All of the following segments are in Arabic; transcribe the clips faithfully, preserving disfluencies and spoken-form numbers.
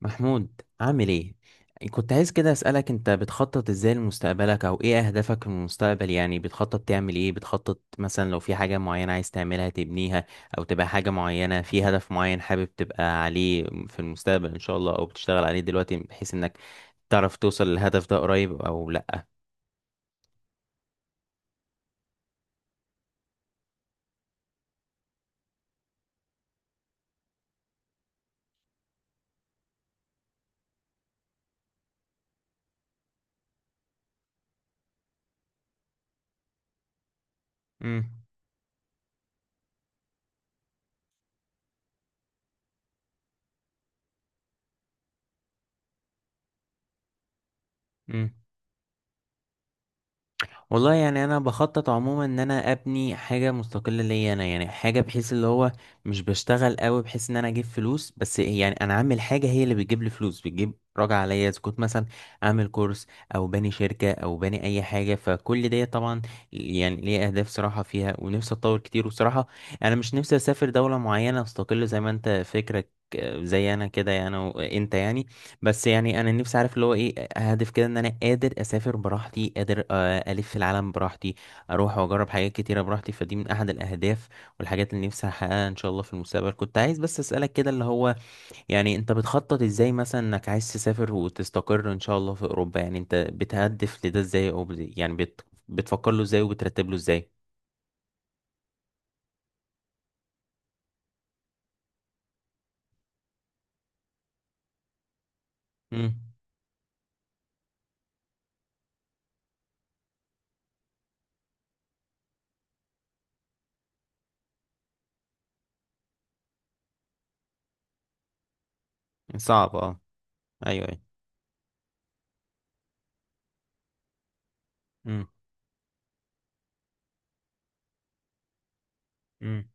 محمود، عامل ايه؟ كنت عايز كده اسالك، انت بتخطط ازاي لمستقبلك؟ او ايه اهدافك في المستقبل؟ يعني بتخطط تعمل ايه؟ بتخطط مثلا لو في حاجه معينه عايز تعملها تبنيها، او تبقى حاجه معينه في هدف معين حابب تبقى عليه في المستقبل ان شاء الله، او بتشتغل عليه دلوقتي بحيث انك تعرف توصل للهدف ده قريب او لا؟ امم والله، يعني انا بخطط عموما ان انا ابني حاجه مستقله ليا انا، يعني حاجه بحيث اللي هو مش بشتغل قوي بحيث ان انا اجيب فلوس بس، يعني انا عامل حاجه هي اللي بتجيب لي فلوس، بتجيب راجع عليا، اذا كنت مثلا عامل كورس، او باني شركه، او باني اي حاجه، فكل دي طبعا يعني ليه اهداف صراحه فيها، ونفسي اتطور كتير. وصراحه انا مش نفسي اسافر دوله معينه استقل زي ما انت فكرك، آه، زي انا كده يعني، وانت يعني. بس يعني انا نفسي عارف اللي هو ايه هدف كده، ان انا قادر اسافر براحتي، قادر آه، الف في العالم براحتي، اروح واجرب حاجات كتيره براحتي، فدي من احد الاهداف والحاجات اللي نفسي احققها ان شاء الله في المستقبل. كنت عايز بس اسالك كده اللي هو، يعني انت بتخطط ازاي مثلا انك عايز تسافر وتستقر ان شاء الله في اوروبا؟ يعني انت بتهدف لده ازاي؟ او بت- يعني بت... بتفكر له ازاي وبترتب له ازاي؟ امم. صعب، اه. ايوه، ايوه. امم، امم،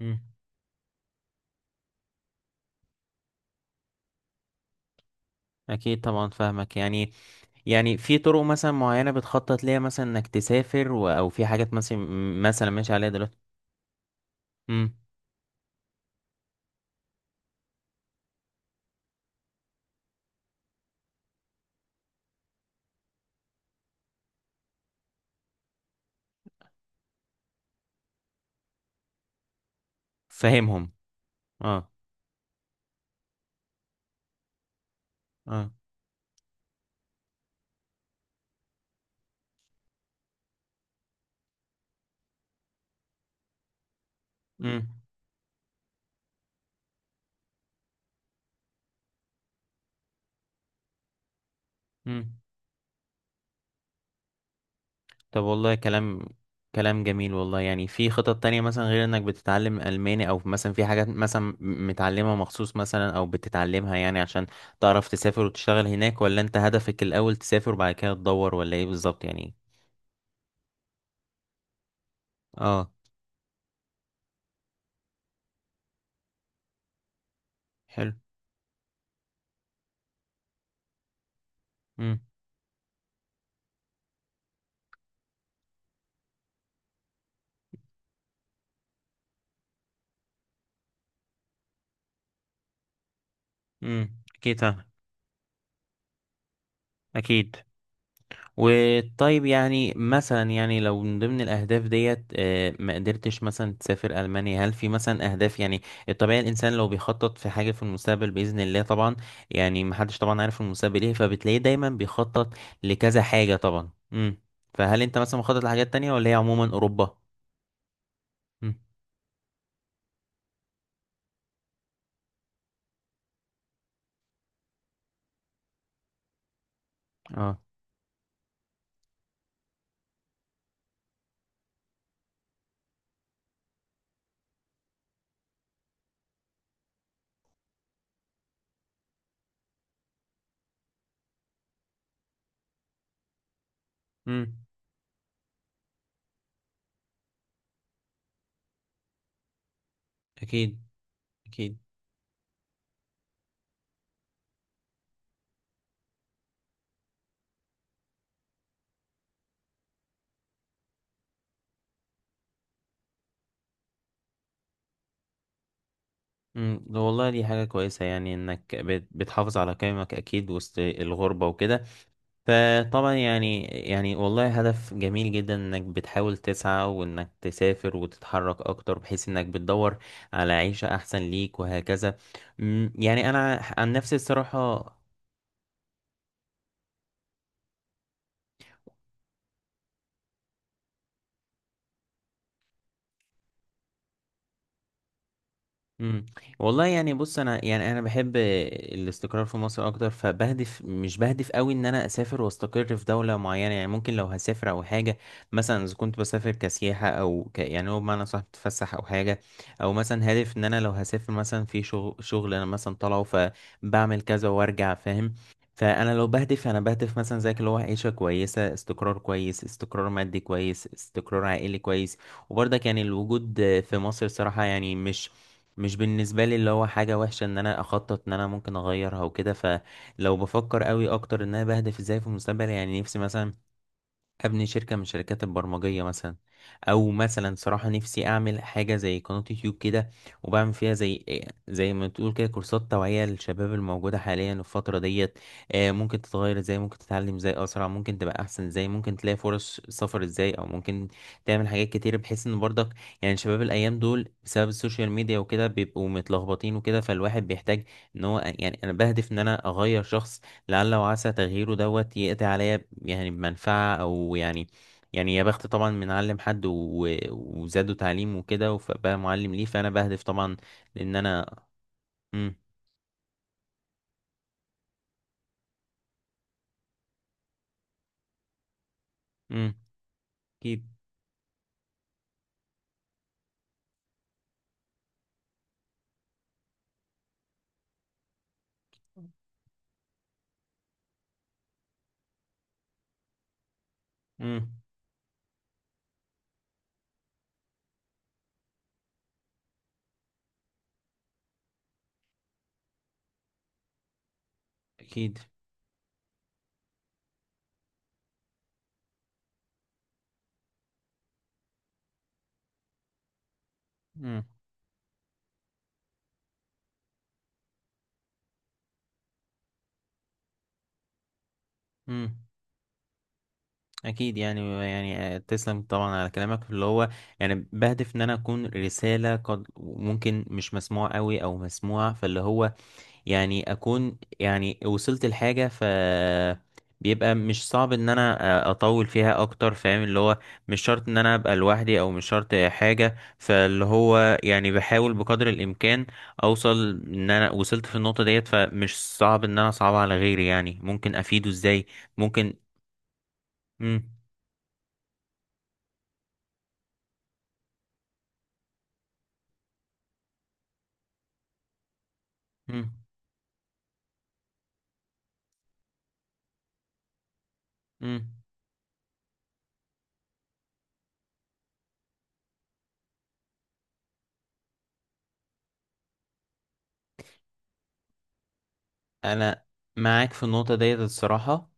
امم. اكيد طبعا فاهمك يعني. يعني في طرق مثلا معينة بتخطط ليها، مثلا انك تسافر و... او في حاجات مثلا، مثلا ماشي عليها دلوقتي. امم. فاهمهم. اه، اه. امم، امم. طب، والله كلام كلام جميل والله. يعني في خطط تانية مثلا غير انك بتتعلم الماني، او مثلا في حاجات مثلا م- متعلمها مخصوص مثلا، او بتتعلمها يعني عشان تعرف تسافر وتشتغل هناك؟ ولا انت هدفك الاول تسافر وبعد كده تدور، ولا ايه بالظبط يعني؟ اه. حلو. امم، امم. اكيد فاهم. اكيد. وطيب يعني مثلا، يعني لو من ضمن الأهداف ديت آه، ما قدرتش مثلا تسافر ألمانيا، هل في مثلا أهداف؟ يعني الطبيعي الإنسان لو بيخطط في حاجة في المستقبل بإذن الله طبعا، يعني محدش طبعا عارف المستقبل إيه، فبتلاقيه دايما بيخطط لكذا حاجة طبعا. امم فهل أنت مثلا مخطط لحاجات تانية، ولا هي عموما أوروبا؟ امم. اه. امم. أكيد، أكيد. امم. ده والله دي حاجة كويسة، يعني إنك بت- بتحافظ على قيمك أكيد وسط الغربة وكده. فطبعا يعني يعني والله هدف جميل جدا انك بتحاول تسعى، وانك تسافر وتتحرك اكتر بحيث انك بتدور على عيشة احسن ليك وهكذا. أمم، يعني انا عن نفسي الصراحة. مم. والله يعني، بص انا، يعني انا بحب الاستقرار في مصر اكتر، فبهدف مش بهدف قوي ان انا اسافر واستقر في دوله معينه. يعني ممكن لو هسافر او حاجه، مثلا اذا كنت بسافر كسياحه، او ك يعني هو بمعنى صح بتفسح او حاجه، او مثلا هدف ان انا لو هسافر مثلا في شغل، شغل انا مثلا طالعه فبعمل كذا وارجع فاهم. فانا لو بهدف، انا بهدف مثلا زيك اللي هو عيشه كويسه، استقرار كويس، استقرار مادي كويس، استقرار عائلي كويس. وبرضك يعني الوجود في مصر صراحة يعني مش، مش بالنسبة لي اللي هو حاجة وحشة ان انا اخطط ان انا ممكن اغيرها وكده. فلو بفكر قوي اكتر ان انا بهدف ازاي في المستقبل، يعني نفسي مثلا ابني شركة من شركات البرمجية مثلا، او مثلا صراحة نفسي اعمل حاجة زي قناة يوتيوب كده، وبعمل فيها زي زي ما تقول كده كورسات توعية للشباب الموجودة حاليا الفترة ديت، آه، ممكن تتغير ازاي، ممكن تتعلم ازاي اسرع، ممكن تبقى احسن ازاي، ممكن تلاقي فرص سفر ازاي، او ممكن تعمل حاجات كتير بحيث ان برضك، يعني شباب الايام دول بسبب السوشيال ميديا وكده بيبقوا متلخبطين وكده، فالواحد بيحتاج ان هو، يعني انا بهدف ان انا اغير شخص لعل وعسى تغييره دوت يقضي عليا يعني بمنفعة، أو يعني يعني يا بخت طبعا من علم حد و... وزاده تعليم وكده، فبقى معلم ليه. فأنا بهدف طبعا لأن أنا. مم. مم. أكيد. مم. أكيد. مم. مم. أكيد، يعني يعني تسلم طبعا على كلامك اللي هو، يعني بهدف إن أنا أكون رسالة، قد ممكن مش مسموع قوي أو مسموع، فاللي هو يعني اكون يعني وصلت لحاجة، ف بيبقى مش صعب ان انا أ- اطول فيها اكتر فاهم. اللي هو مش شرط ان انا ابقى لوحدي، او مش شرط حاجة. فاللي هو يعني بحاول بقدر الامكان اوصل ان انا وصلت في النقطة ديت، فمش صعب ان انا اصعب على غيري، يعني ممكن افيده ازاي. ممكن. مم. مم. مم. انا معاك في النقطة ديت الصراحة،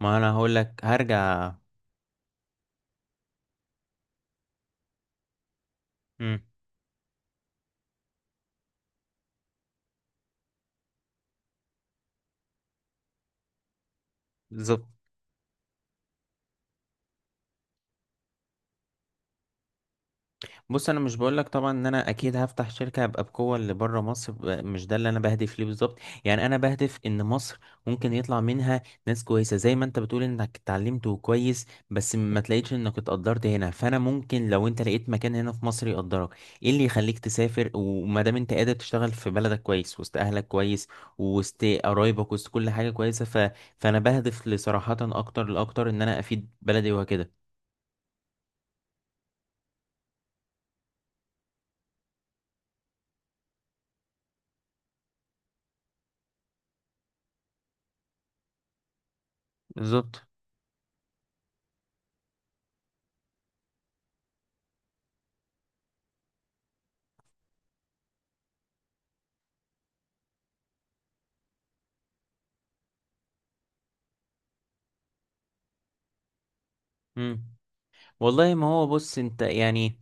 ما انا هقول لك هرجع. مم. بالظبط. بص انا مش بقولك طبعا ان انا اكيد هفتح شركه هبقى بقوه اللي بره مصر، ب- مش ده اللي انا بهدف ليه بالظبط. يعني انا بهدف ان مصر ممكن يطلع منها ناس كويسه، زي ما انت بتقول انك اتعلمت وكويس بس ما تلاقيش انك اتقدرت هنا. فانا ممكن لو انت لقيت مكان هنا في مصر يقدرك، ايه اللي يخليك تسافر؟ وما دام انت قادر تشتغل في بلدك كويس وسط اهلك كويس، وسط قرايبك وسط كل حاجه كويسه ف... فانا بهدف لصراحه اكتر، لاكتر ان انا افيد بلدي وهكده. بالظبط. مم. والله ما هو بص انت يعني،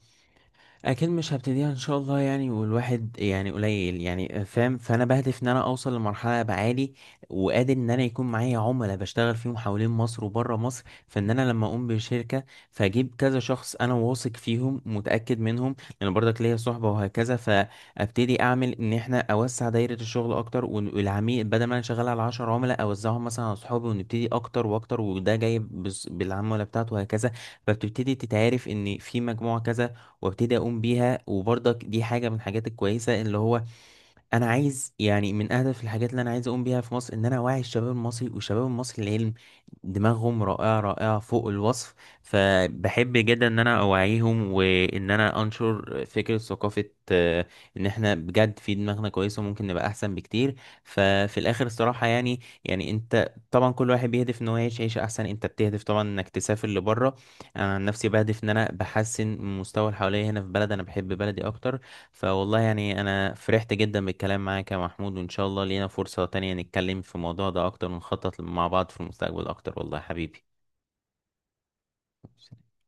اكيد مش هبتديها ان شاء الله يعني، والواحد يعني قليل يعني فاهم. فانا بهدف ان انا اوصل لمرحله ابقى عالي، وقادر ان انا يكون معايا عملاء بشتغل فيهم حوالين مصر وبره مصر، فان انا لما اقوم بشركه فاجيب كذا شخص انا واثق فيهم متاكد منهم، لان برضك ليا صحبه وهكذا، فابتدي اعمل ان احنا اوسع دايره الشغل اكتر. وال- والعميل بدل ما انا شغال على عشرة عملاء اوزعهم مثلا على صحابي ونبتدي اكتر واكتر، وده جاي بس- بالعملاء بتاعته وهكذا. فبتبتدي تتعرف ان في مجموعه كذا، وابتدي اقوم بيها. وبرضك دي حاجه من الحاجات الكويسه اللي هو، انا عايز يعني من اهدف الحاجات اللي انا عايز اقوم بيها في مصر، ان انا اوعي الشباب المصري، والشباب المصري العلم دماغهم رائعة، رائعة فوق الوصف. فبحب جدا ان انا اوعيهم، وان انا انشر فكرة ثقافة آه، ان احنا بجد في دماغنا كويسة وممكن نبقى احسن بكتير. ففي الاخر الصراحة، يعني يعني انت طبعا كل واحد بيهدف ان هو يعيش عيشة احسن، انت بتهدف طبعا انك تسافر لبره. انا عن نفسي بهدف ان انا بحسن من مستوى اللي حواليا هنا في بلد، انا بحب بلدي اكتر. فوالله يعني انا فرحت جدا بالكلام معاك يا محمود، وان شاء الله لينا فرصة تانية نتكلم في الموضوع ده اكتر، ونخطط مع بعض في المستقبل اكتر والله يا حبيبي.